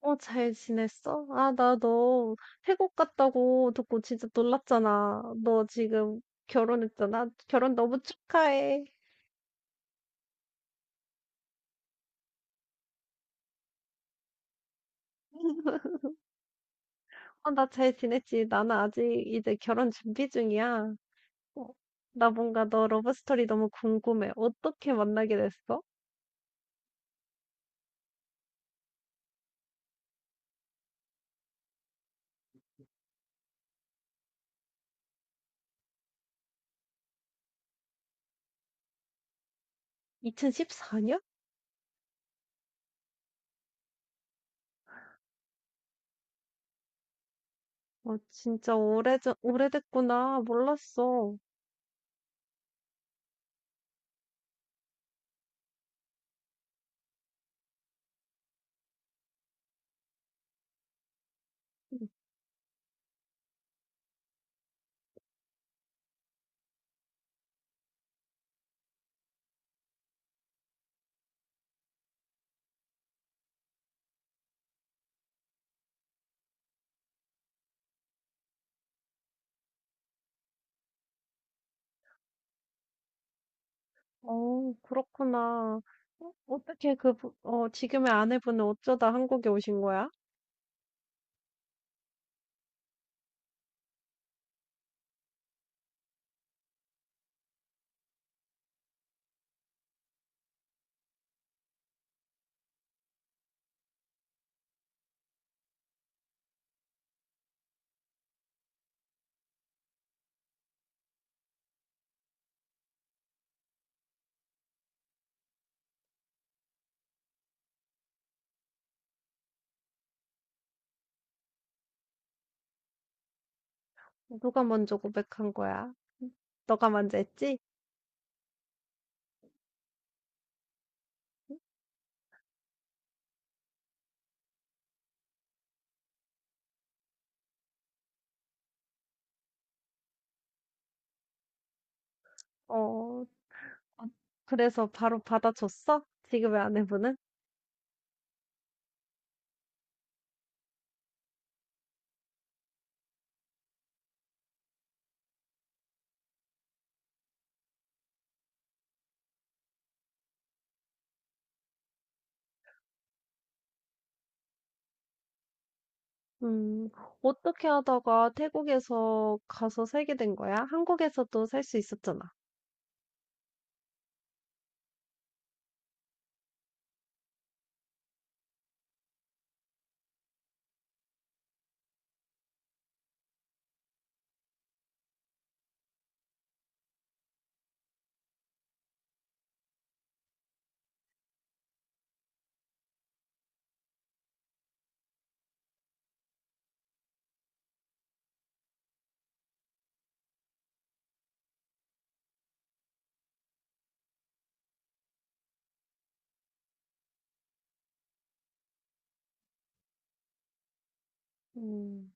잘 지냈어? 아, 나 너 태국 갔다고 듣고 진짜 놀랐잖아. 너 지금 결혼했잖아. 결혼 너무 축하해. 어, 나 잘 지냈지. 나는 아직 이제 결혼 준비 중이야. 어, 나 뭔가 너 러브스토리 너무 궁금해. 어떻게 만나게 됐어? 2014년? 어, 진짜 오래전, 오래됐구나. 몰랐어. 응. 어 그렇구나. 어떻게 그 부 어 지금의 아내분은 어쩌다 한국에 오신 거야? 누가 먼저 고백한 거야? 음 너가 먼저 했지? 음. 어 어, 그래서 바로 받아줬어? 지금의 아내분은? 음, 어떻게 하다가 태국에서 가서 살게 된 거야? 한국에서도 살 수 있었잖아. 음,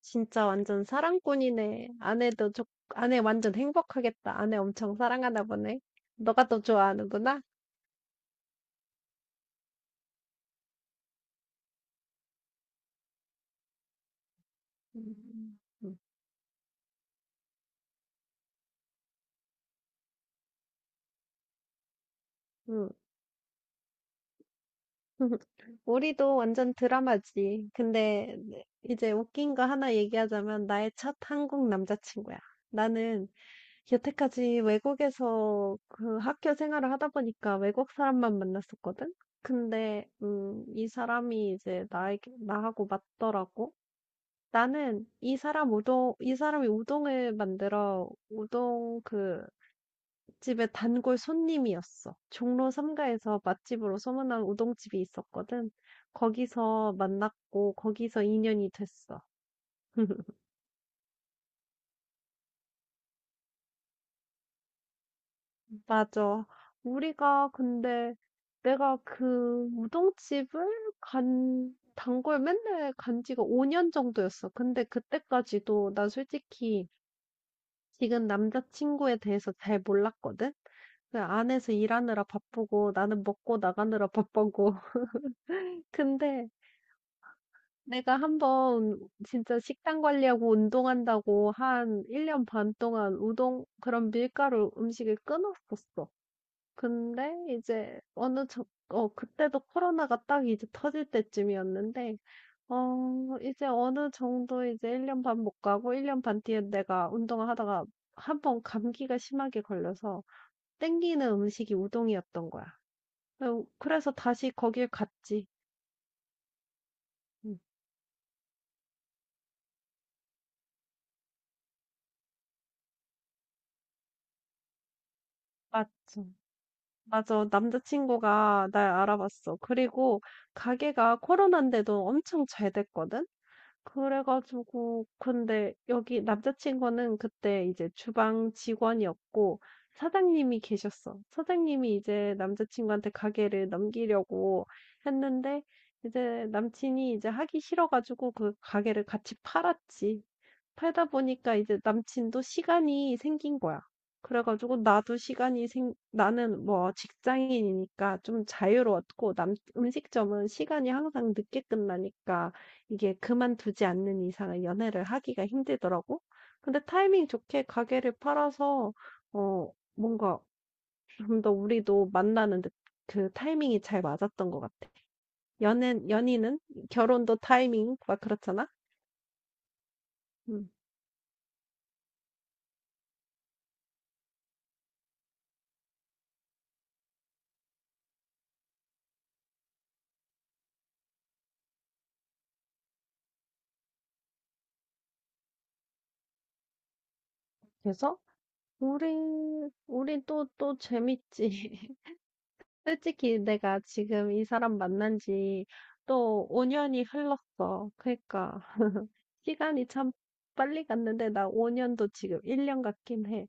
진짜 완전 사랑꾼이네. 아내 완전 행복하겠다. 아내 엄청 사랑하나 보네. 너가 더 좋아하는구나? 음, 음. 음. 우리도 완전 드라마지. 근데 네, 이제 웃긴 거 하나 얘기하자면 나의 첫 한국 남자친구야. 나는 여태까지 외국에서 그 학교 생활을 하다 보니까 외국 사람만 만났었거든? 근데, 이 사람이 이제 나에게, 나하고 맞더라고. 나는 이 사람 우동, 이 사람이 우동을 만들어, 우동 그 집의 단골 손님이었어. 종로 삼가에서 맛집으로 소문난 우동집이 있었거든. 거기서 만났고 거기서 인연이 됐어. 맞아. 우리가 근데 내가 그 우동집을 간 단골 맨날 간 지가 5년 정도였어. 근데 그때까지도 난 솔직히 지금 남자친구에 대해서 잘 몰랐거든. 그 안에서 일하느라 바쁘고 나는 먹고 나가느라 바쁘고. 근데 내가 한번 진짜 식단 관리하고 운동한다고 한 1년 반 동안 그런 밀가루 음식을 끊었었어. 근데 이제 어느 정, 그때도 코로나가 딱 이제 터질 때쯤이었는데, 이제 어느 정도 이제 1년 반 못 가고 1년 반 뒤에 내가 운동을 하다가 한번 감기가 심하게 걸려서 땡기는 음식이 우동이었던 거야. 그래서 다시 거길 갔지. 응, 맞죠. 맞아. 남자친구가 날 알아봤어. 그리고 가게가 코로나인데도 엄청 잘 됐거든? 그래가지고, 근데 여기 남자친구는 그때 이제 주방 직원이었고, 사장님이 계셨어. 사장님이 이제 남자친구한테 가게를 넘기려고 했는데, 이제 남친이 이제 하기 싫어가지고 그 가게를 같이 팔았지. 팔다 보니까 이제 남친도 시간이 생긴 거야. 그래 가지고 나도 시간이 생 나는 뭐 직장인이니까 좀 자유로웠고 남 음식점은 시간이 항상 늦게 끝나니까 이게 그만두지 않는 이상은 연애를 하기가 힘들더라고. 근데 타이밍 좋게 가게를 팔아서 뭔가 좀 더 우리도 만나는 데 그 타이밍이 잘 맞았던 것 같아. 연애 연인은 결혼도 타이밍 막 그렇잖아. 음. 그래서 우리 우리 또 또 재밌지. 솔직히 내가 지금 이 사람 만난 지 또 5년이 흘렀어. 그러니까 시간이 참 빨리 갔는데 나 5년도 지금 1년 같긴 해.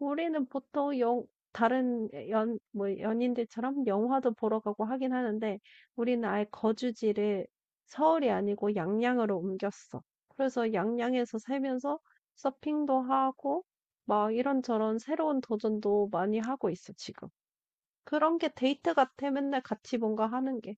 우리는 보통 영 다른 연 뭐 연인들처럼 영화도 보러 가고 하긴 하는데 우리는 아예 거주지를 서울이 아니고 양양으로 옮겼어. 그래서 양양에서 살면서 서핑도 하고 막 이런저런 새로운 도전도 많이 하고 있어, 지금. 그런 게 데이트 같아, 맨날 같이 뭔가 하는 게.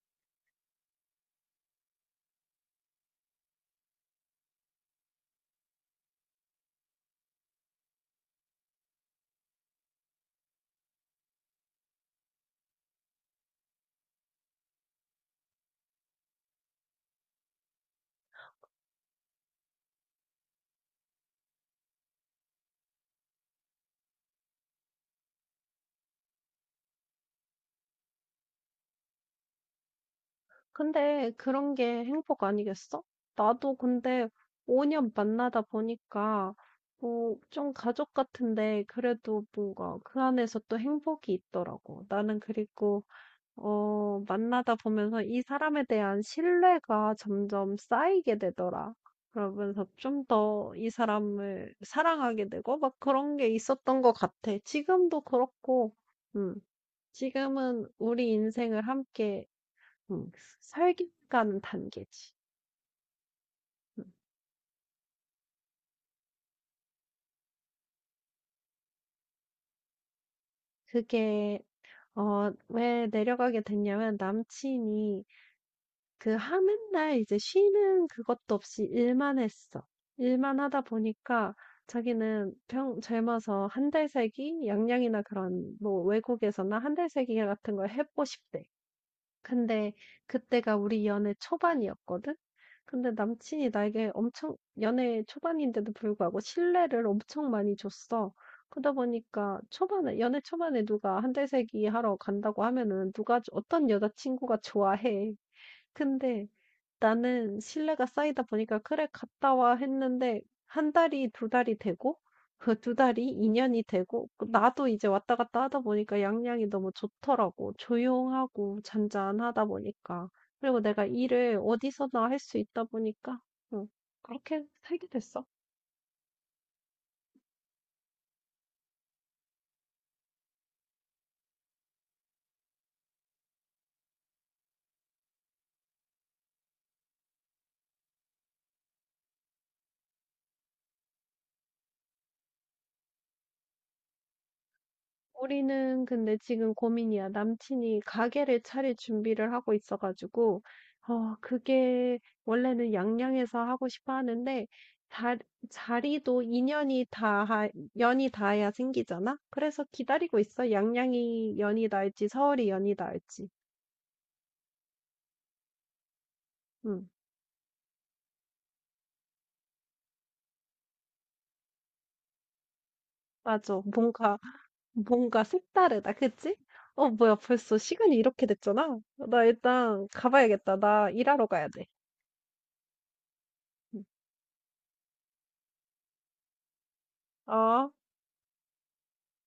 근데 그런 게 행복 아니겠어? 나도 근데 5년 만나다 보니까, 좀 가족 같은데, 그래도 뭔가 그 안에서 또 행복이 있더라고. 나는 그리고, 만나다 보면서 이 사람에 대한 신뢰가 점점 쌓이게 되더라. 그러면서 좀 더 이 사람을 사랑하게 되고, 막 그런 게 있었던 것 같아. 지금도 그렇고, 음. 지금은 우리 인생을 함께 음, 살기가는 단계지. 음, 그게 왜 내려가게 됐냐면 남친이 그 하는 날 이제 쉬는 그것도 없이 일만 했어. 일만 하다 보니까 자기는 평 젊어서 한 달 살기, 양양이나 그런 뭐 외국에서나 한 달 살기 같은 걸 해보고 싶대. 근데 그때가 우리 연애 초반이었거든? 근데 남친이 나에게 엄청 연애 초반인데도 불구하고 신뢰를 엄청 많이 줬어. 그러다 보니까 초반에 연애 초반에 누가 한 달 살기 하러 간다고 하면은 누가 어떤 여자친구가 좋아해. 근데 나는 신뢰가 쌓이다 보니까 '그래 갔다 와.' 했는데 한 달이 두 달이 되고 그 두 달이 2 년이 되고 나도 이제 왔다 갔다 하다 보니까 양양이 너무 좋더라고. 조용하고 잔잔하다 보니까. 그리고 내가 일을 어디서나 할 수 있다 보니까 응, 그렇게 살게 됐어. 우리는 근데 지금 고민이야. 남친이 가게를 차릴 준비를 하고 있어 가지고 그게 원래는 양양에서 하고 싶어 하는데 자, 자리도 인연이 닿아 연이 닿아야 생기잖아. 그래서 기다리고 있어. 양양이 연이 닿을지 서울이 연이 닿을지. 응. 맞아. 뭔가 색다르다. 그치? 뭐야 벌써 시간이 이렇게 됐잖아. 나 일단 가봐야겠다. 나 일하러 가야 돼. 응. 어.